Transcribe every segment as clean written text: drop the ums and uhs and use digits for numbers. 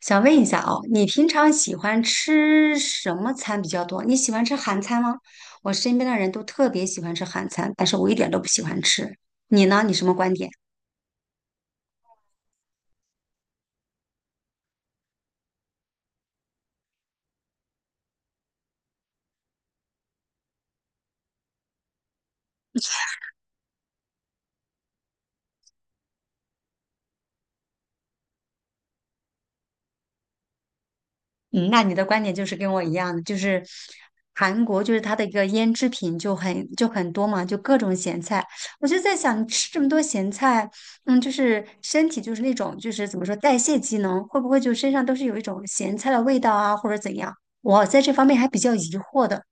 想问一下哦，你平常喜欢吃什么餐比较多？你喜欢吃韩餐吗？我身边的人都特别喜欢吃韩餐，但是我一点都不喜欢吃。你呢？你什么观点？嗯，那你的观点就是跟我一样的，就是韩国就是它的一个腌制品就很多嘛，就各种咸菜。我就在想，你吃这么多咸菜，嗯，就是身体就是那种就是怎么说代谢机能会不会就身上都是有一种咸菜的味道啊，或者怎样？我在这方面还比较疑惑的。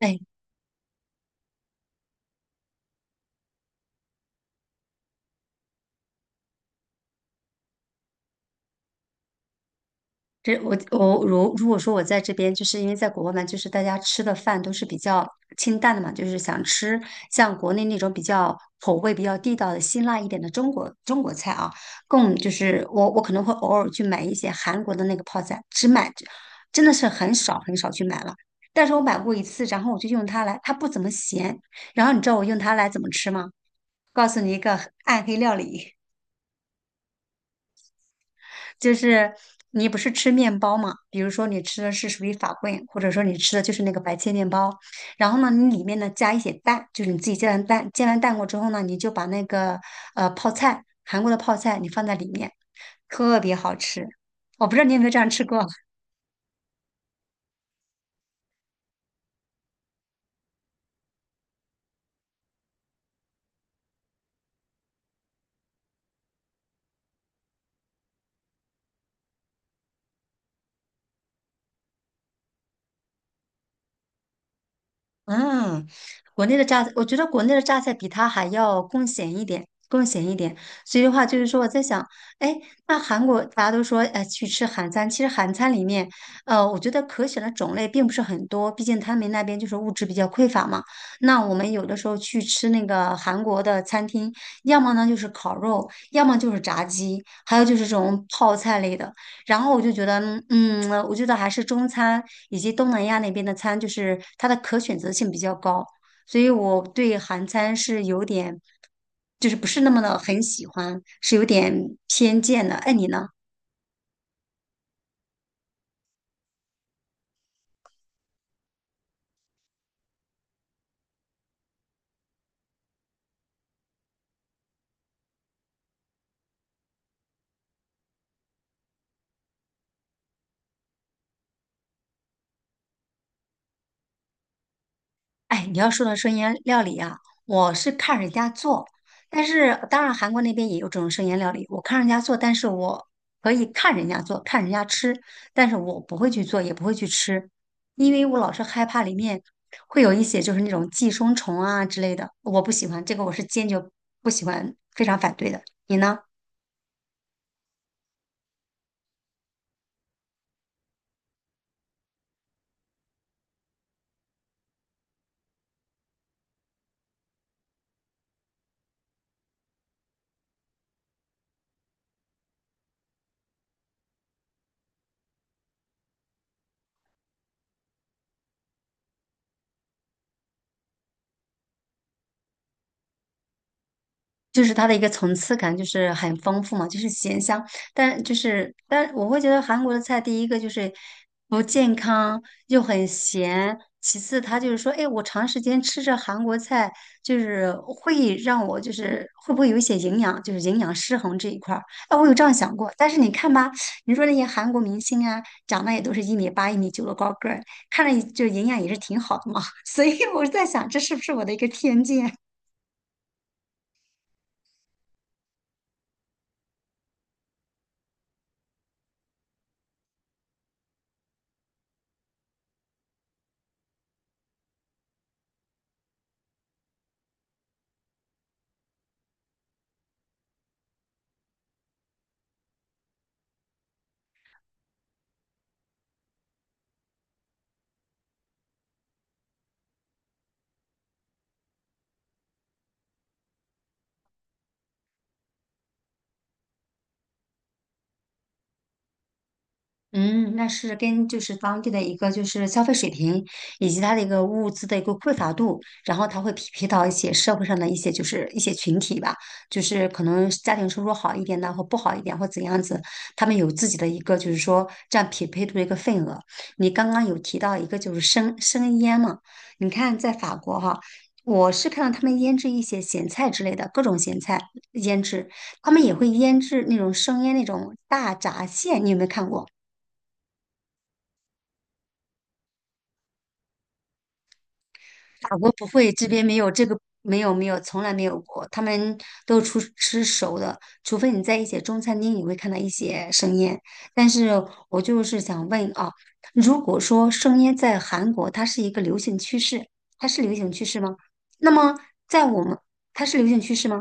哎，这我如如果说我在这边，就是因为在国外嘛，就是大家吃的饭都是比较清淡的嘛，就是想吃像国内那种比较口味比较地道的辛辣一点的中国菜啊，更就是我可能会偶尔去买一些韩国的那个泡菜，只买真的是很少去买了。但是我买过一次，然后我就用它来，它不怎么咸。然后你知道我用它来怎么吃吗？告诉你一个暗黑料理。就是你不是吃面包嘛？比如说你吃的是属于法棍，或者说你吃的就是那个白切面包，然后呢，你里面呢加一些蛋，就是你自己煎完蛋，煎完蛋过之后呢，你就把那个泡菜，韩国的泡菜你放在里面，特别好吃。我不知道你有没有这样吃过。嗯，国内的榨菜，我觉得国内的榨菜比它还要更咸一点，更咸一点。所以的话，就是说我在想，哎，那韩国大家都说，哎，去吃韩餐，其实韩餐里面，我觉得可选的种类并不是很多，毕竟他们那边就是物质比较匮乏嘛。那我们有的时候去吃那个韩国的餐厅，要么呢就是烤肉，要么就是炸鸡，还有就是这种泡菜类的。然后我就觉得，嗯，我觉得还是中餐以及东南亚那边的餐，就是它的可选择性比较高，所以我对韩餐是有点，就是不是那么的很喜欢，是有点偏见的。哎，你呢？哎，你要说到生腌料理啊，我是看人家做，但是当然韩国那边也有这种生腌料理，我看人家做，但是我可以看人家做，看人家吃，但是我不会去做，也不会去吃，因为我老是害怕里面会有一些就是那种寄生虫啊之类的，我不喜欢，这个我是坚决不喜欢，非常反对的。你呢？就是它的一个层次感就是很丰富嘛，就是咸香，但就是但我会觉得韩国的菜第一个就是不健康又很咸，其次它就是说，哎，我长时间吃着韩国菜，就是会让我就是会不会有一些营养，就是营养失衡这一块儿，哎，我有这样想过，但是你看吧，你说那些韩国明星啊，长得也都是1米8、1米9的高个儿，看着就营养也是挺好的嘛，所以我是在想，这是不是我的一个偏见？嗯，那是跟就是当地的一个就是消费水平，以及它的一个物资的一个匮乏度，然后它会匹配到一些社会上的一些就是一些群体吧，就是可能家庭收入好一点的或不好一点或怎样子，他们有自己的一个就是说占匹配度的一个份额。你刚刚有提到一个就是生腌嘛，你看在法国哈。我是看到他们腌制一些咸菜之类的各种咸菜腌制，他们也会腌制那种生腌那种大闸蟹，你有没有看过？法国不会，这边没有这个，没有，从来没有过。他们都出吃熟的，除非你在一些中餐厅，你会看到一些生腌。但是我就是想问啊，如果说生腌在韩国它是一个流行趋势，它是流行趋势吗？那么在我们它是流行趋势吗？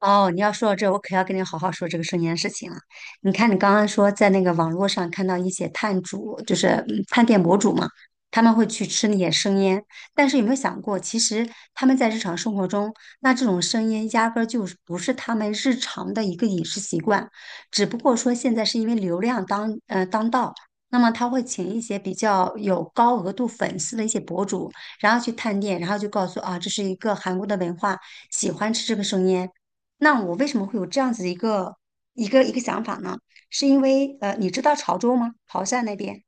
哦，你要说到这，我可要跟你好好说这个生意的事情了。你看，你刚刚说在那个网络上看到一些探主，就是嗯探店博主嘛，他们会去吃那些生腌，但是有没有想过，其实他们在日常生活中，那这种生腌压根儿就是不是他们日常的一个饮食习惯，只不过说现在是因为流量当当道。那么他会请一些比较有高额度粉丝的一些博主，然后去探店，然后就告诉啊，这是一个韩国的文化，喜欢吃这个生腌。那我为什么会有这样子一个想法呢？是因为你知道潮州吗？潮汕那边。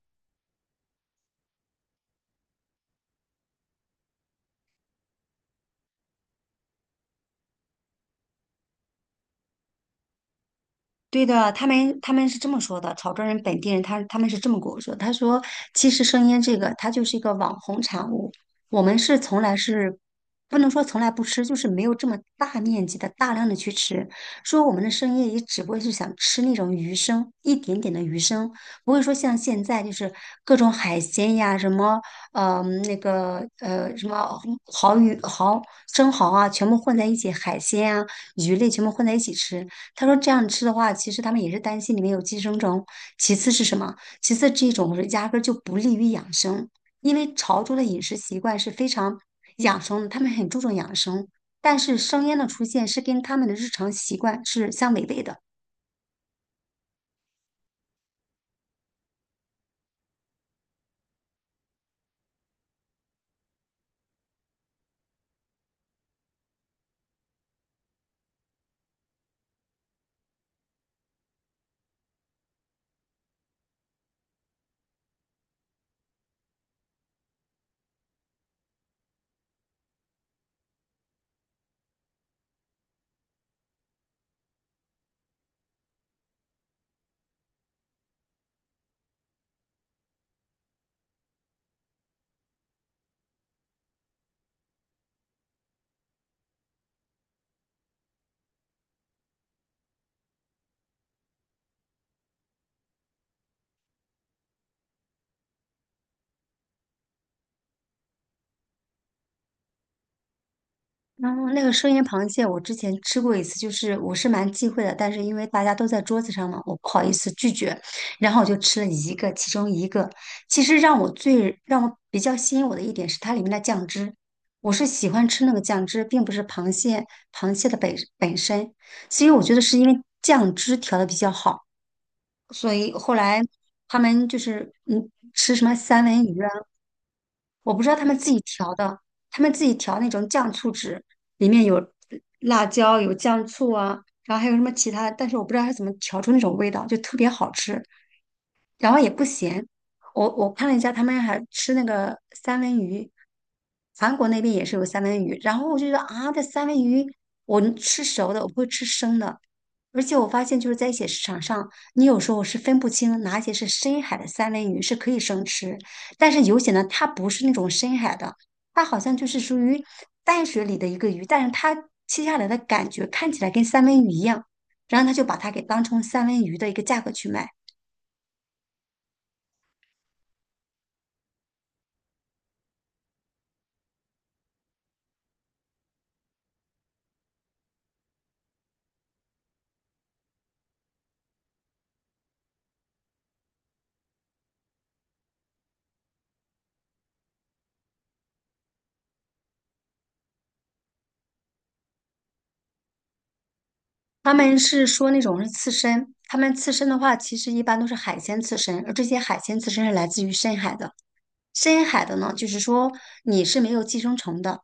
对的，他们是这么说的，潮州人本地人他们是这么跟我说，他说其实生腌这个它就是一个网红产物，我们是从来是不能说从来不吃，就是没有这么大面积的大量的去吃，说我们的生腌也只不过是想吃那种鱼生，一点点的鱼生，不会说像现在就是各种海鲜呀，什么什么蚝鱼蚝生蚝啊，全部混在一起，海鲜啊鱼类全部混在一起吃。他说这样吃的话，其实他们也是担心里面有寄生虫。其次是什么？其次这种是压根儿就不利于养生，因为潮州的饮食习惯是非常养生的，他们很注重养生。但是生腌的出现是跟他们的日常习惯是相违背的，然后那个生腌螃蟹，我之前吃过一次，就是我是蛮忌讳的，但是因为大家都在桌子上嘛，我不好意思拒绝，然后我就吃了一个，其中一个。其实最让我比较吸引我的一点是它里面的酱汁，我是喜欢吃那个酱汁，并不是螃蟹的本身，所以我觉得是因为酱汁调的比较好，所以后来他们就是嗯吃什么三文鱼啊。我不知道他们自己调的，他们自己调那种酱醋汁，里面有辣椒，有酱醋啊，然后还有什么其他的，但是我不知道他怎么调出那种味道，就特别好吃。然后也不咸。我看了一下，他们还吃那个三文鱼，韩国那边也是有三文鱼。然后我就觉得啊，这三文鱼我能吃熟的，我不会吃生的。而且我发现就是在一些市场上，你有时候是分不清哪些是深海的三文鱼是可以生吃，但是有些呢，它不是那种深海的，它好像就是属于淡水里的一个鱼，但是它切下来的感觉看起来跟三文鱼一样，然后他就把它给当成三文鱼的一个价格去卖。他们是说那种是刺身，他们刺身的话，其实一般都是海鲜刺身，而这些海鲜刺身是来自于深海的。深海的呢，就是说你是没有寄生虫的，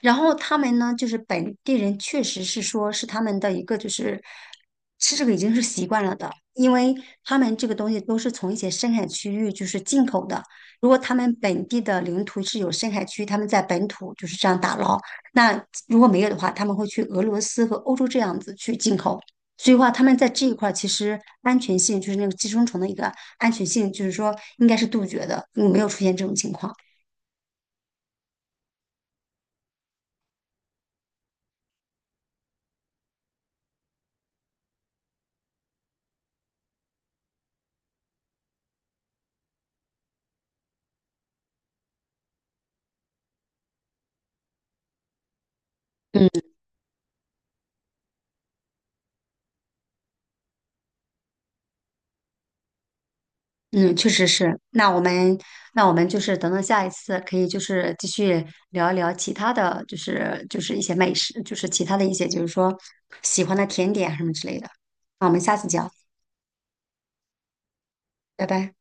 然后他们呢，就是本地人确实是说是他们的一个就是吃这个已经是习惯了的，因为他们这个东西都是从一些深海区域就是进口的。如果他们本地的领土是有深海区，他们在本土就是这样打捞。那如果没有的话，他们会去俄罗斯和欧洲这样子去进口。所以话，他们在这一块儿其实安全性就是那个寄生虫的一个安全性，就是说应该是杜绝的，嗯没有出现这种情况。嗯。嗯，确实是。那我们，那我们就是等等下一次可以就是继续聊一聊其他的，就是一些美食，就是其他的一些就是说喜欢的甜点啊什么之类的。那我们下次讲，拜拜。